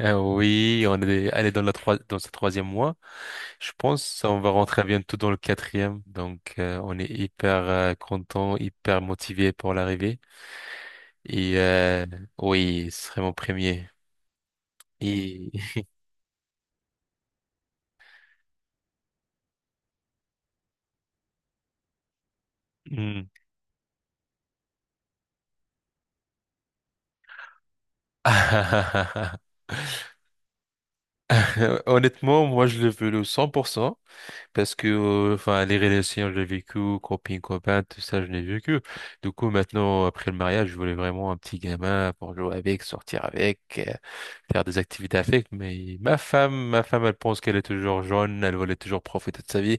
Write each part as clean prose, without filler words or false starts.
Oui, on est allé dans ce troisième mois. Je pense on va rentrer bientôt dans le quatrième. Donc, on est hyper content, hyper motivé pour l'arrivée. Et oui, ce serait mon premier. Et Hmm. Honnêtement, moi, je le veux le 100% parce que, enfin, les relations, je l'ai vécu, copine, copain, tout ça, je l'ai vécu. Du coup, maintenant, après le mariage, je voulais vraiment un petit gamin pour jouer avec, sortir avec, faire des activités avec. Mais ma femme, elle pense qu'elle est toujours jeune, elle voulait toujours profiter de sa vie.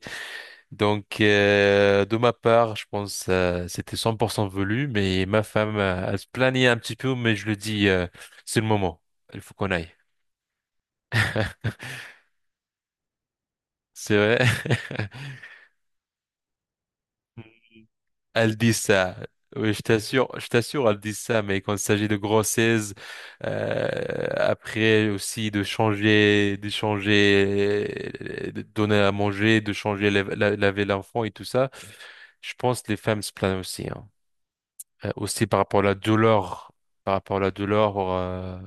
Donc, de ma part, je pense c'était 100% voulu, mais ma femme, elle se plaignait un petit peu, mais je lui dis, c'est le moment, il faut qu'on aille. C'est vrai. Elles disent ça. Oui, je t'assure, elles disent ça, mais quand il s'agit de grossesse, euh, après aussi de donner à manger, de changer, laver l'enfant et tout ça, je pense que les femmes se plaignent aussi, hein. Aussi par rapport à la douleur,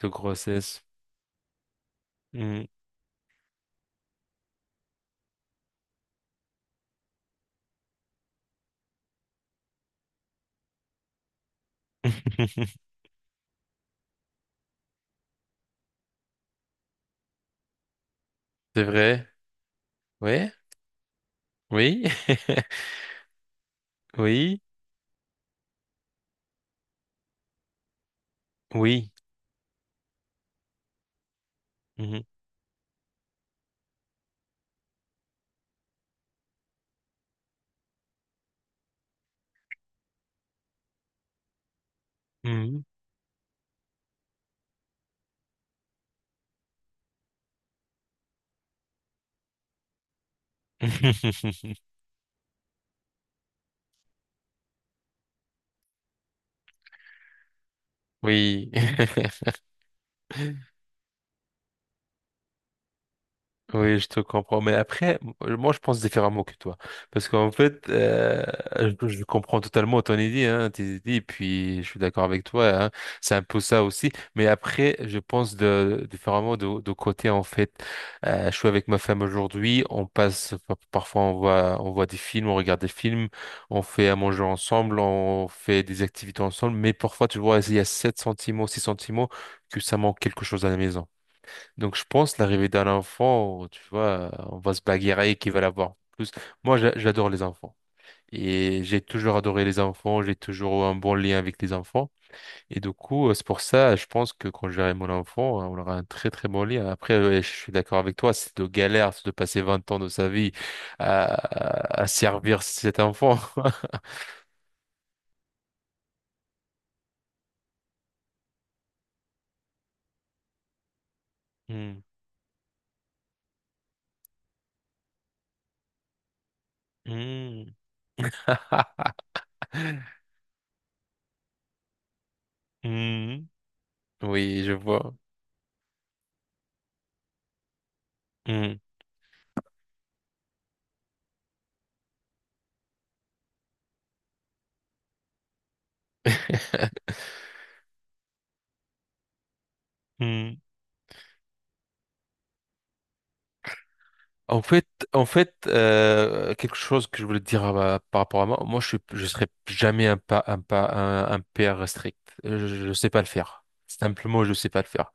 de grossesse. Mm. C'est vrai? Oui? Oui? Oui? Oui? Mhm. Mhm. Oui. Oui, je te comprends. Mais après, moi, je pense différemment que toi. Parce qu'en fait, je comprends totalement ton idée, hein, tes idées, puis je suis d'accord avec toi, hein. C'est un peu ça aussi. Mais après, je pense différemment de côté, en fait. Je suis avec ma femme aujourd'hui, on passe, parfois, on voit des films, on regarde des films, on fait à manger ensemble, on fait des activités ensemble. Mais parfois, tu vois, il y a sept sentiments, six sentiments que ça manque quelque chose à la maison. Donc je pense l'arrivée d'un enfant, tu vois, on va se bagarrer qui va l'avoir plus. Moi, j'adore les enfants. Et j'ai toujours adoré les enfants, j'ai toujours eu un bon lien avec les enfants. Et du coup, c'est pour ça, je pense que quand j'aurai mon enfant, on aura un très très bon lien. Après, ouais, je suis d'accord avec toi, c'est de galère c'est de passer 20 ans de sa vie à servir cet enfant. Hmm. Hmm. Hmm. Oui, je vois. Hmm. Hmm. En fait, quelque chose que je voulais te dire par rapport à moi, je serai jamais un pas, un pas, un père strict. Je sais pas le faire. Simplement, je sais pas le faire.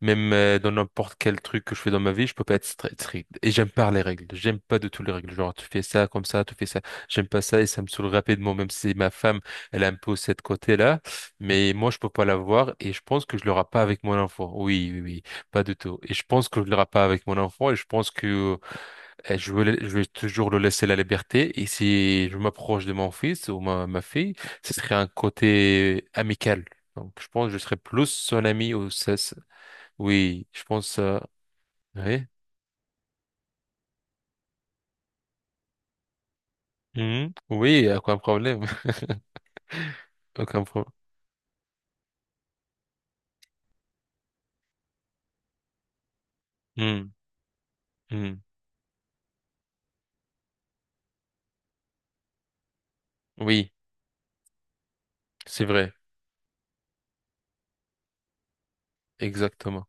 Même dans n'importe quel truc que je fais dans ma vie, je peux pas être strict. Et j'aime pas les règles. J'aime pas du tout les règles. Genre, tu fais ça comme ça, tu fais ça. J'aime pas ça et ça me saoule rapidement. Même si ma femme, elle a un peu cette côté-là, mais moi, je peux pas l'avoir et je pense que je l'aurai pas avec mon enfant. Oui, oui, oui, pas du tout. Et je pense que je l'aurai pas avec mon enfant et je pense que euh, et je vais toujours le laisser la liberté. Et si je m'approche de mon fils ou ma fille, ce serait un côté amical. Donc, je pense que je serais plus son ami ou ça. Oui, je pense. Oui. Mhm. Oui, aucun problème. Aucun problème. Oui, c'est vrai. Exactement.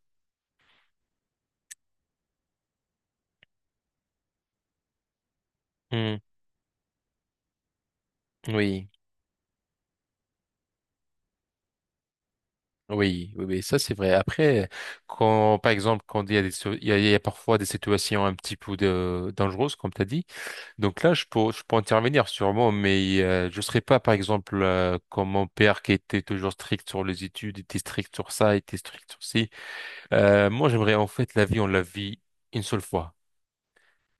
Hmm. Oui, oui, oui, oui, ça c'est vrai. Après, quand, par exemple, quand il y a des, il y a parfois des situations un petit peu dangereuses, comme tu as dit. Donc là, je peux intervenir sûrement, mais je serai pas, par exemple, comme mon père qui était toujours strict sur les études, était strict sur ça, était strict sur ci. Moi, j'aimerais en fait la vie, on la vit une seule fois.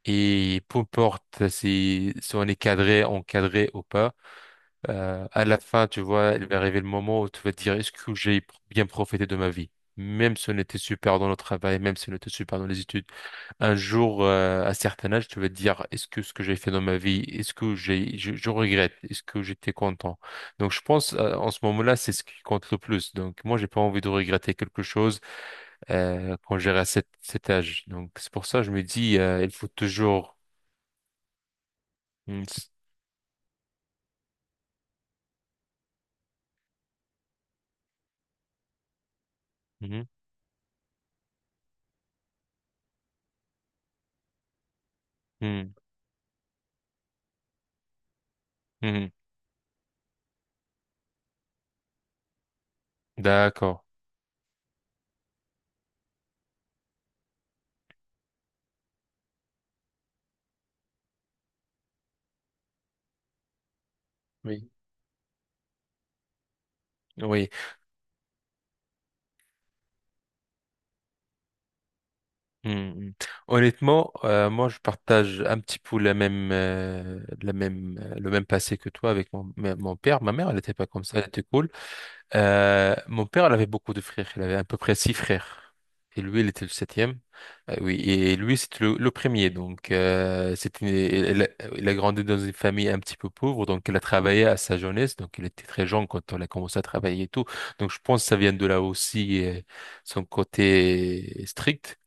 Et peu importe si on est cadré, encadré ou pas, à la fin, tu vois, il va arriver le moment où tu vas te dire, est-ce que j'ai bien profité de ma vie? Même si on était super dans le travail, même si on était super dans les études un jour, à un certain âge, tu vas te dire, est-ce que ce que j'ai fait dans ma vie, est-ce que je regrette, est-ce que j'étais content? Donc, je pense, en ce moment-là, c'est ce qui compte le plus. Donc, moi, j'ai pas envie de regretter quelque chose, quand j'aurai à cet âge. Donc, c'est pour ça, je me dis, il faut toujours. Mm, mhm, mhm, mhm. D'accord. Oui. Oui. Mhm. Honnêtement, moi, je partage un petit peu le même passé que toi avec mon père. Ma mère, elle n'était pas comme ça, elle était cool. Mon père, il avait beaucoup de frères. Il avait à peu près six frères. Et lui, il était le septième. Oui, et lui, c'était le premier. Donc, c'était, il a grandi dans une famille un petit peu pauvre. Donc, il a travaillé à sa jeunesse. Donc, il était très jeune quand il a commencé à travailler et tout. Donc, je pense que ça vient de là aussi, son côté strict.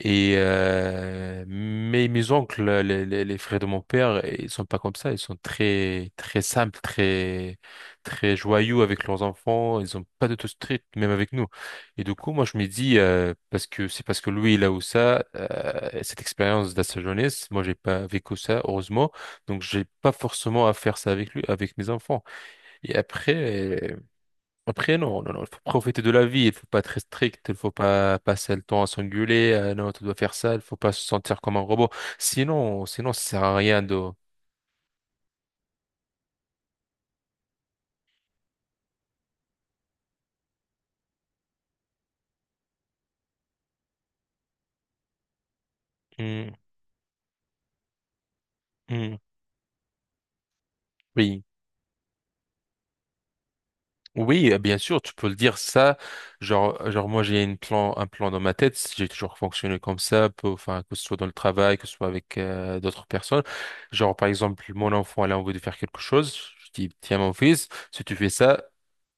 Mais mes oncles, les frères de mon père, ils sont pas comme ça. Ils sont très très simples, très très joyeux avec leurs enfants. Ils ont pas de tout strict, même avec nous. Et du coup, moi, je me dis parce que c'est parce que lui il a eu ça, cette expérience de sa jeunesse. Moi, j'ai pas vécu ça, heureusement. Donc, j'ai pas forcément à faire ça avec lui, avec mes enfants. Et après. Après, non, non, non, il faut profiter de la vie, il faut pas être strict, il faut pas passer le temps à s'engueuler, non, tu dois faire ça, il faut pas se sentir comme un robot. Ça sert à rien de… Hmm. Hmm. Oui. Oui, bien sûr, tu peux le dire ça. Genre, moi, j'ai un plan dans ma tête. Si j'ai toujours fonctionné comme ça, enfin, que ce soit dans le travail, que ce soit avec d'autres personnes. Genre, par exemple, mon enfant, elle a envie de faire quelque chose. Je dis, tiens, mon fils, si tu fais ça,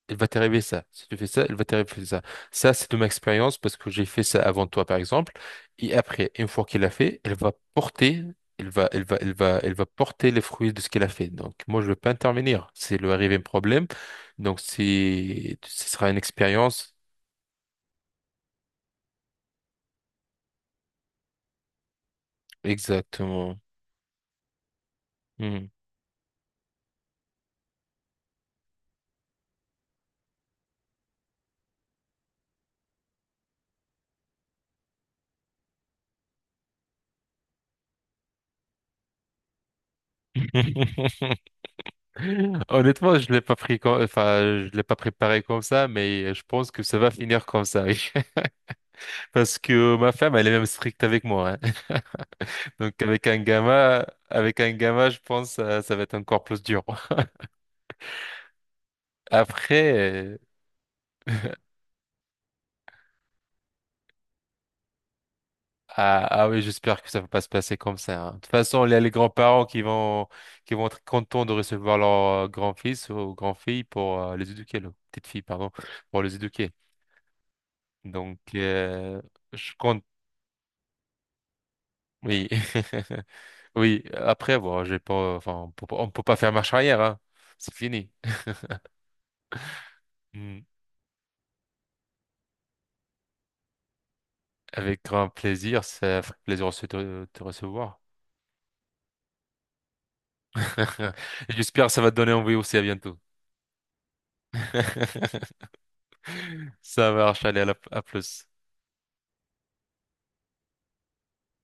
il va t'arriver ça. Si tu fais ça, il va t'arriver ça. Ça, c'est de ma expérience parce que j'ai fait ça avant toi, par exemple. Et après, une fois qu'il a fait, elle va porter les fruits de ce qu'elle a fait. Donc, moi, je ne vais pas intervenir. C'est le arrivé un problème. Donc, ce sera une expérience. Exactement. Hmm. Honnêtement, je l'ai pas pris comme, enfin, je l'ai pas préparé comme ça, mais je pense que ça va finir comme ça. Oui. Parce que ma femme, elle est même stricte avec moi, hein. Donc avec un gamma, je pense ça va être encore plus dur. Après, euh, ah, ah oui, j'espère que ça va pas se passer comme ça, hein. De toute façon, il y a les grands-parents qui vont être contents de recevoir leur grand-fils ou grand-fille pour les éduquer, leur petite fille, pardon, pour les éduquer. Donc je compte. Oui, oui. Après, bon, j'ai pas, enfin, on peut pas faire marche arrière, hein. C'est fini. Mm. Avec grand plaisir, ça fait plaisir aussi de te recevoir. J'espère que ça va te donner envie aussi. À bientôt. Ça marche. Allez, à plus.